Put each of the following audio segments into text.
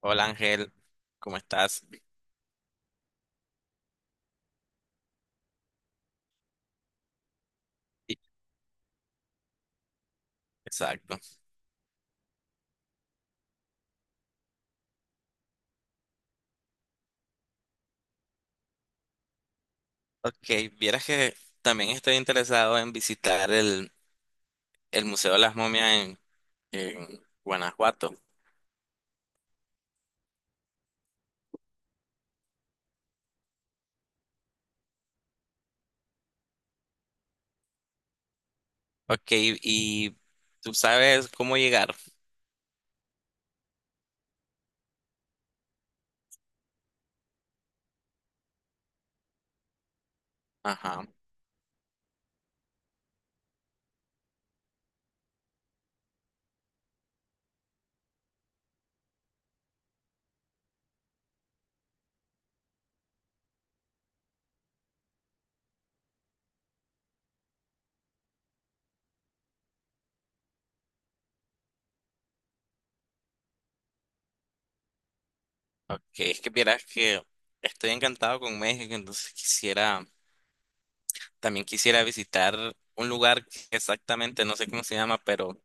Hola Ángel, ¿cómo estás? Y- Exacto. Ok, vieras que también estoy interesado en visitar el Museo de las Momias en Guanajuato. Ok, y tú sabes cómo llegar. Ajá. Ok, es que vieras que estoy encantado con México, entonces quisiera, también quisiera visitar un lugar que exactamente no sé cómo se llama, pero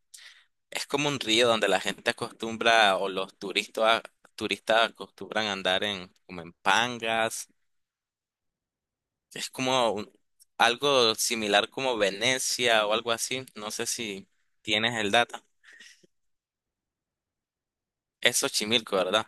es como un río donde la gente acostumbra o los turistas acostumbran a andar en como en pangas. Es como un- Algo similar como Venecia o algo así. No sé si tienes el dato. Es Xochimilco, ¿verdad?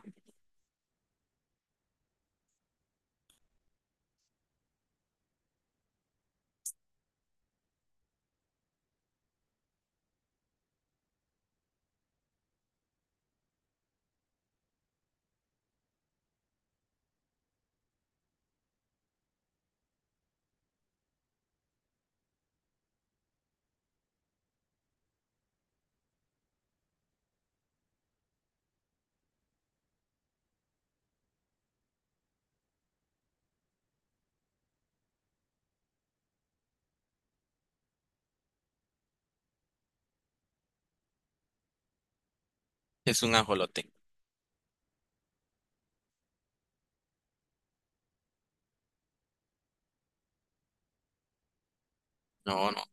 Es un ajolote. No, no.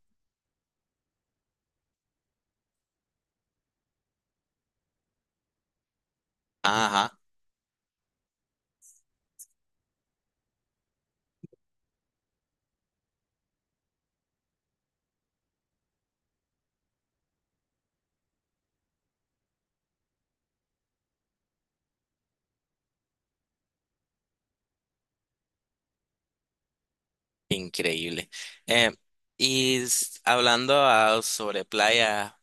Ajá, increíble. Eh, y hablando sobre playa,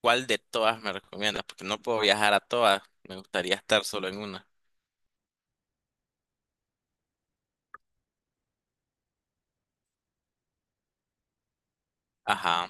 ¿cuál de todas me recomiendas? Porque no puedo viajar a todas. Me gustaría estar solo en una. Ajá.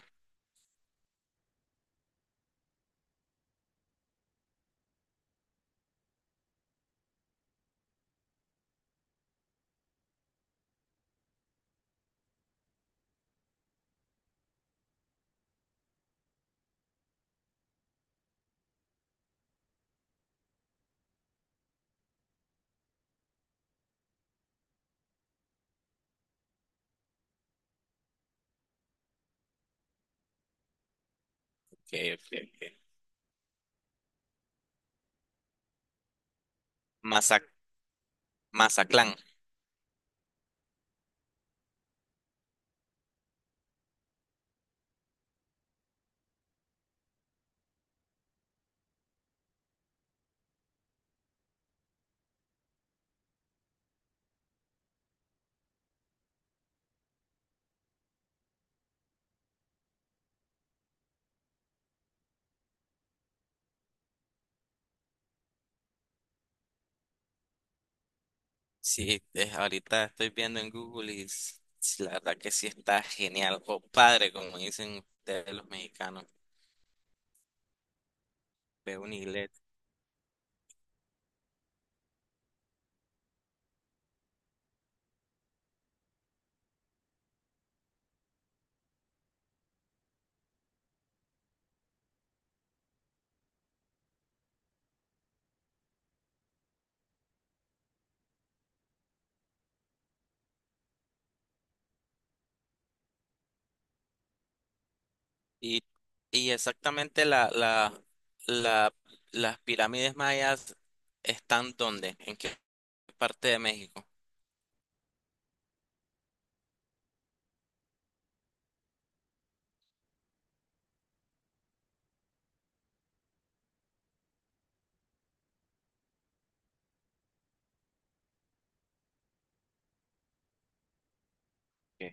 Ok, ok, ok. Mazatlán. Sí, ahorita estoy viendo en Google y la verdad que sí está genial. O padre, como dicen ustedes los mexicanos. Veo un inglés. Y, y exactamente la, las pirámides mayas están ¿dónde? ¿En qué parte de México? Ok,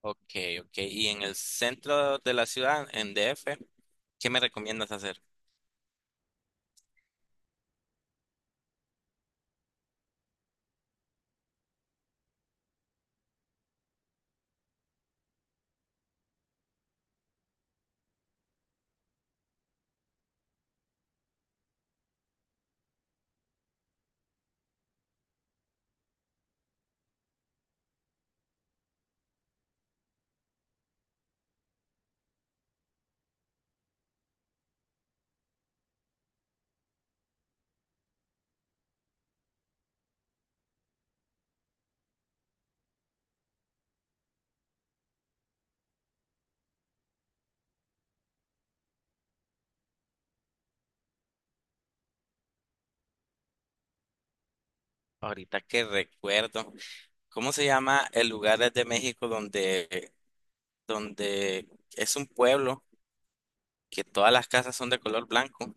ok. Ok. Y en el centro de la ciudad, en DF, ¿qué me recomiendas hacer? Ahorita que recuerdo, ¿cómo se llama el lugar de México donde es un pueblo que todas las casas son de color blanco, en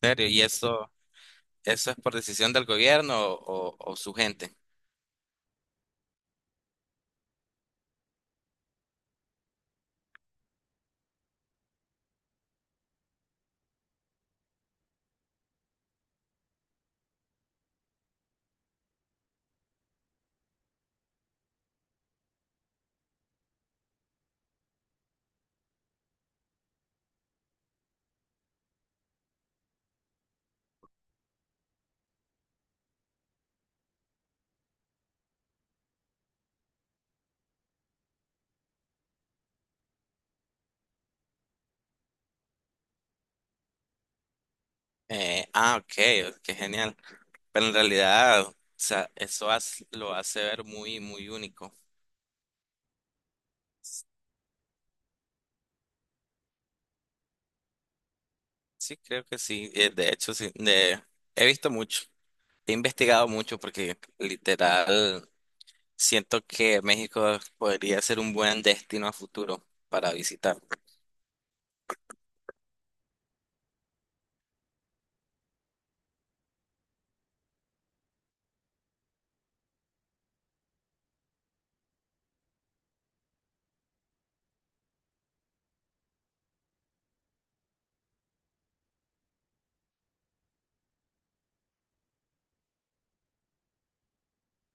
serio, y eso es por decisión del gobierno o su gente. Ok, qué genial. Pero en realidad, o sea, lo hace ver muy, muy único. Sí, creo que sí. De hecho, sí, he visto mucho, he investigado mucho porque literal siento que México podría ser un buen destino a futuro para visitar.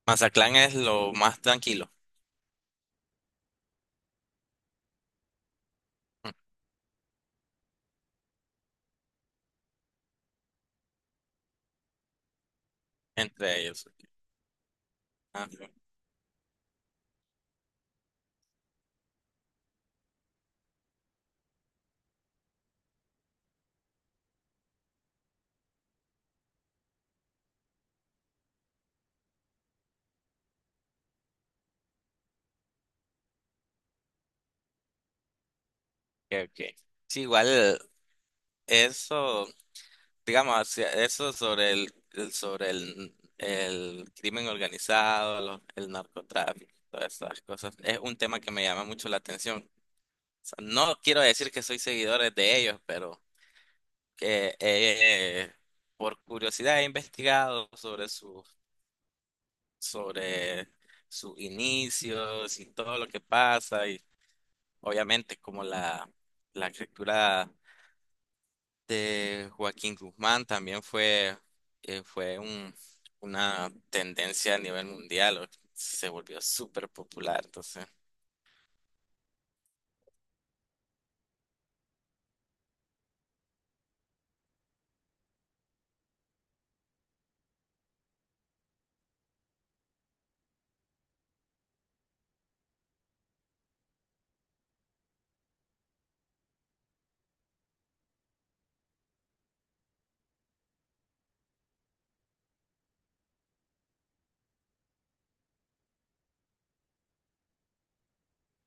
Mazatlán es lo más tranquilo. Entre ellos. Ah, ok, ok. Sí, igual eso, digamos, eso sobre el crimen organizado, el narcotráfico, todas estas cosas, es un tema que me llama mucho la atención. O sea, no quiero decir que soy seguidores de ellos, pero que por curiosidad he investigado sobre su, sobre sus inicios y todo lo que pasa y obviamente como la estructura de Joaquín Guzmán también fue una tendencia a nivel mundial, se volvió súper popular, entonces,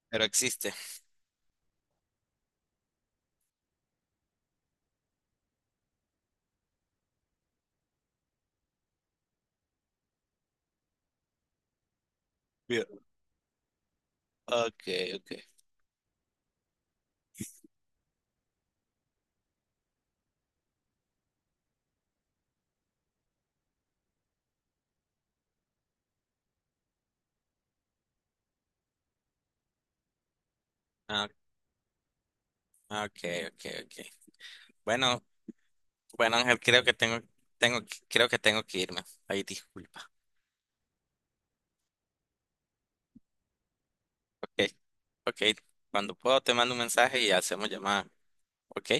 pero existe. Bien. Ok, ok. Ah, ok, ok, ok. Bueno, bueno, Ángel, creo que tengo que irme. Ahí disculpa. Ok, ok. Cuando puedo te mando un mensaje y hacemos llamada. Ok.